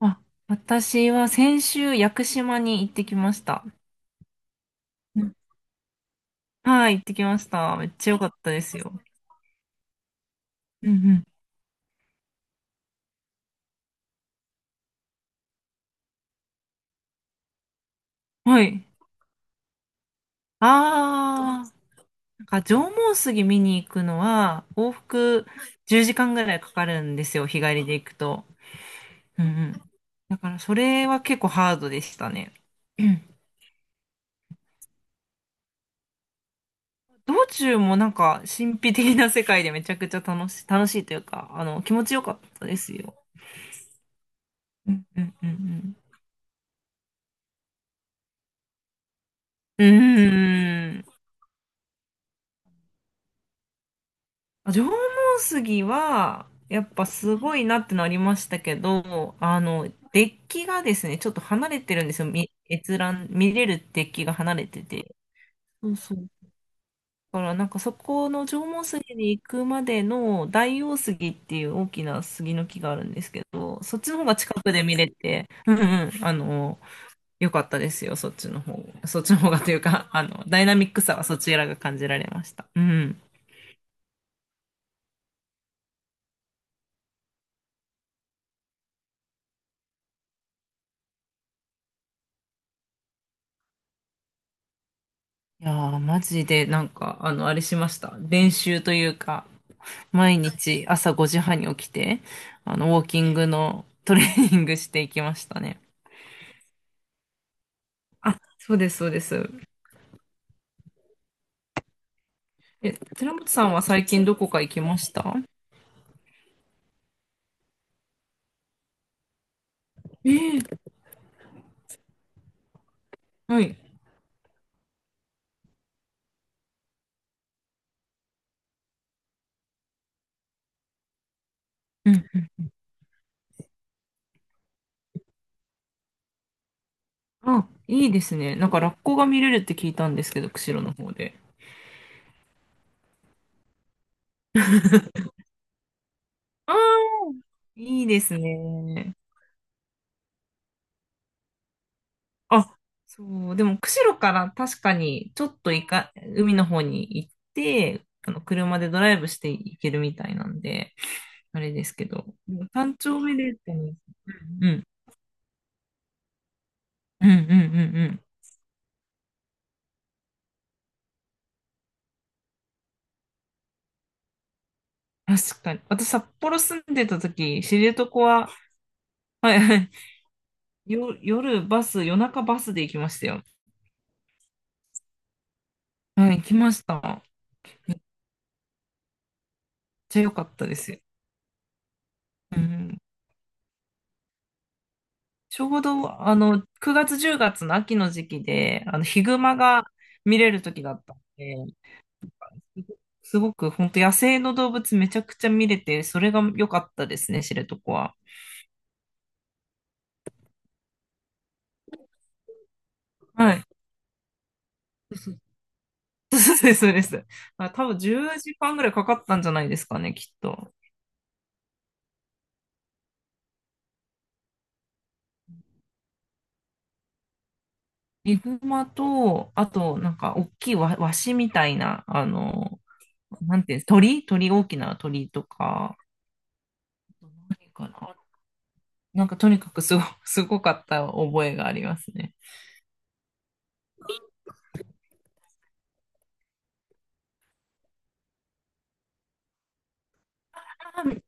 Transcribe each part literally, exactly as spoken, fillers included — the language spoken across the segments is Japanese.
あ、私は先週、屋久島に行ってきました。うん。はい、行ってきました。めっちゃ良かったですよ。うんうん。はい。あー、なんか縄文杉見に行くのは、往復じゅうじかんぐらいかかるんですよ、日帰りで行くと。うんうん。だから、それは結構ハードでしたね。うん。道中もなんか、神秘的な世界でめちゃくちゃ楽しい、楽しいというか、あの、気持ちよかったですよ。うんうんうんうん。うーん。あ、縄文杉は、やっぱすごいなってなりましたけど、あの、デッキがですね、ちょっと離れてるんですよ。み閲覧、見れるデッキが離れてて。そうそう。だからなんかそこの縄文杉に行くまでの大王杉っていう大きな杉の木があるんですけど、そっちの方が近くで見れて、うんうん、あの、良かったですよ、そっちの方。そっちの方がというか、あの、ダイナミックさはそちらが感じられました。うん。いやー、マジで、なんか、あの、あれしました。練習というか、毎日朝ごじはんに起きて、あの、ウォーキングのトレーニングしていきましたね。あ、そうです、そうです。え、寺本さんは最近どこか行きました？ええ。はい。うん。あ、いいですね。なんか、ラッコが見れるって聞いたんですけど、釧路の方で。あー、いいですね。あ、そう、でも釧路から確かにちょっといか、海の方に行って、あの車でドライブして行けるみたいなんで、あれですけど、でも山頂目でってね。うん、うん、うん、うん、うん。確かに。私、札幌住んでた時、知床は、はい、はい、よ、夜バス、夜中バスで行きましたよ。はい、行きました。めっちゃ良かったですよ。うん、ちょうど、あの、くがつ、じゅうがつの秋の時期で、あの、ヒグマが見れる時だったんで、すごく本当野生の動物めちゃくちゃ見れて、それが良かったですね、知床は。はい。そうそうです、そうです。あ、多分じゅうじかんぐらいかかったんじゃないですかね、きっと。ヒグマと、あと、なんか、大きいワ、ワシみたいな、あの、なんていうんです、鳥鳥、大きな鳥とか、何かな。なんか、とにかくすご、すごかった覚えがありますね。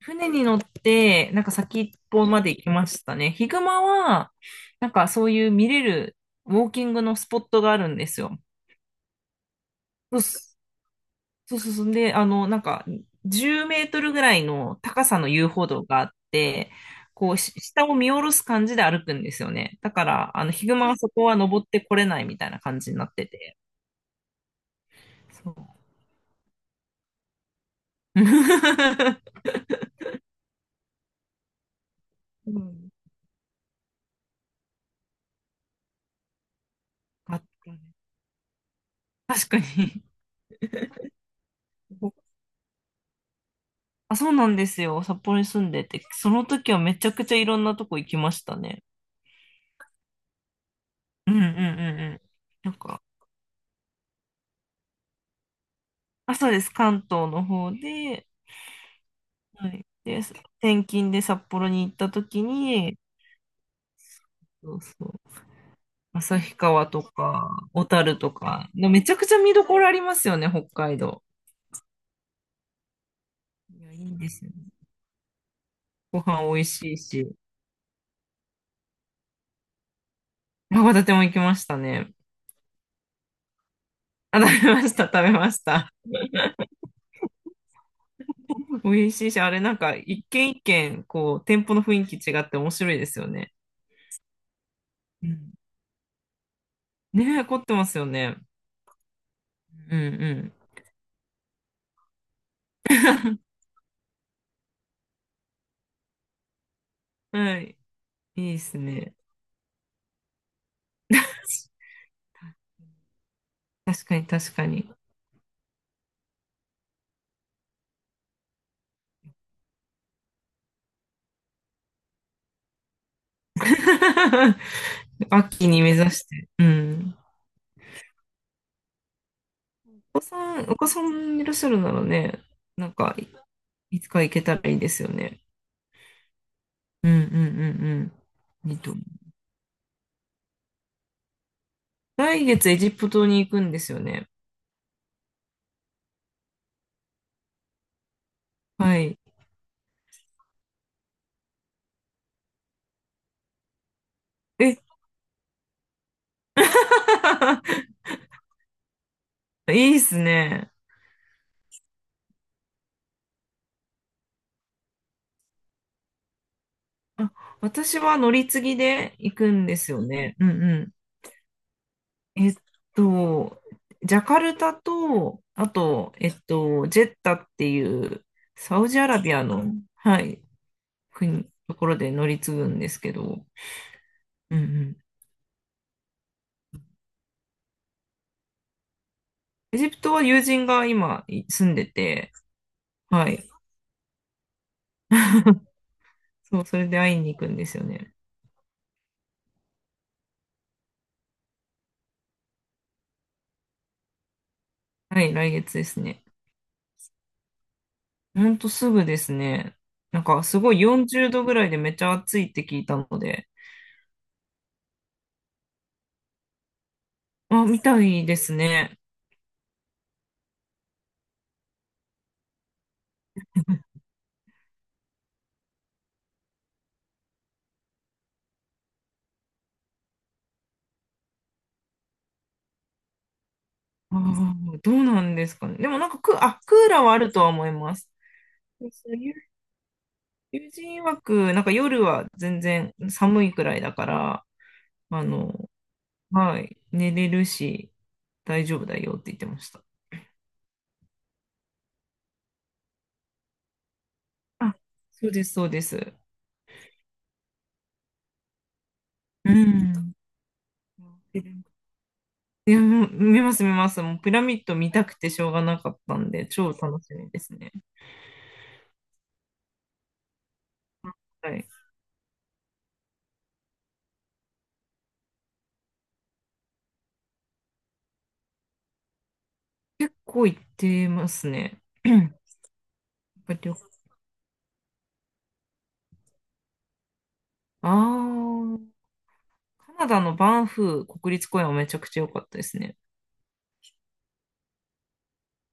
船に乗って、なんか先っぽまで行きましたね。ヒグマは、なんかそういう見れるウォーキングのスポットがあるんですよ。そうそうそうそう。で、あの、なんかじゅうメートルぐらいの高さの遊歩道があって、こう、し下を見下ろす感じで歩くんですよね。だから、あの、ヒグマはそこは登ってこれないみたいな感じになってて。そう。うん。あったね。確かに。あ、そうなんですよ。札幌に住んでて、その時はめちゃくちゃいろんなとこ行きましたね。うんうんうんうん。なんか、あ、そうです。関東の方で、はい。で、転勤で札幌に行った時に、そうそう。旭川とか、小樽とか、でめちゃくちゃ見どころありますよね、北海道。いや、いいんですよね。ご飯美味しいし。函館も行きましたね。あ、食べました、食べました。美味しいし、あれなんか一軒一軒、こう、店舗の雰囲気違って面白いですよね。うん。ねえ、凝ってますよね。うんうん。はい。いいですね。確かに確かに。秋に目指して。うん。お子さん、お子さんいらっしゃるならね、なんか、いいつか行けたらいいですよね。うんうんうんうん。いいと思う。来月エジプトに行くんですよね。はい。え、いいですね。あ、私は乗り継ぎで行くんですよね。うんうん。えっと、ジャカルタと、あと、えっと、ジェッタっていう、サウジアラビアの、はい、国、ところで乗り継ぐんですけど、うんうん。エジプトは友人が今い住んでて、はい。そう、それで会いに行くんですよね。はい、来月ですね。ほんとすぐですね。なんか、すごいよんじゅうどぐらいでめっちゃ暑いって聞いたので、あ、みたいですね。あーどうなんですかね。でもなんかク、あ、クーラーはあるとは思います。そう。友友人曰く、なんか夜は全然寒いくらいだから、あの、はい、寝れるし、大丈夫だよって言ってました。あ、そうです、そうです。うん。いや、もう見ます、見ます。もうピラミッド見たくてしょうがなかったんで、超楽しみですね。はい。結構行ってますね。やっぱり旅行、ああー、カナダのバンフー国立公園はめちゃくちゃ良かったですね。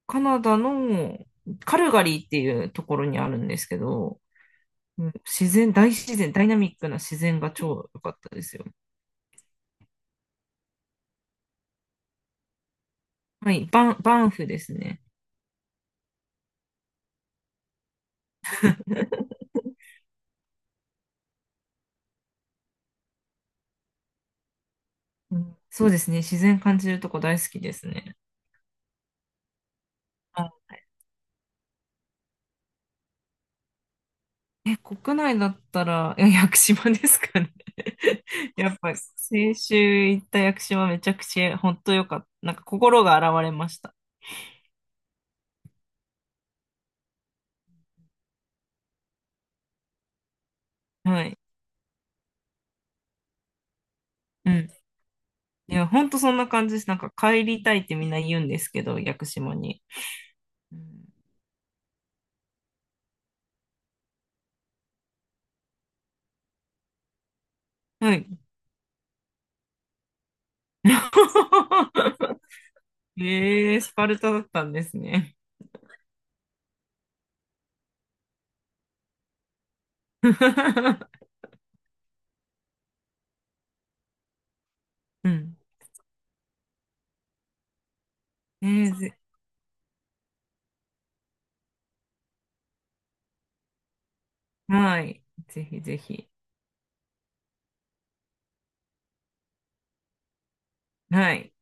カナダのカルガリーっていうところにあるんですけど、うん。自然、大自然、ダイナミックな自然が超良かったですよ。はい、バン、バンフですね。うん。そうですね、自然感じるとこ大好きですね。はい。え、国内だったら、いや、屋久島ですかね。やっぱ、先週行った屋久島めちゃくちゃ、本当良かった。なんか心が洗われました。はい。うん。いや、ほんとそんな感じです。なんか帰りたいってみんな言うんですけど、屋久島に。うん。はい。えー、スパルタだったんですね。うん。えー、ぜ、はい。ぜひぜひ。はい。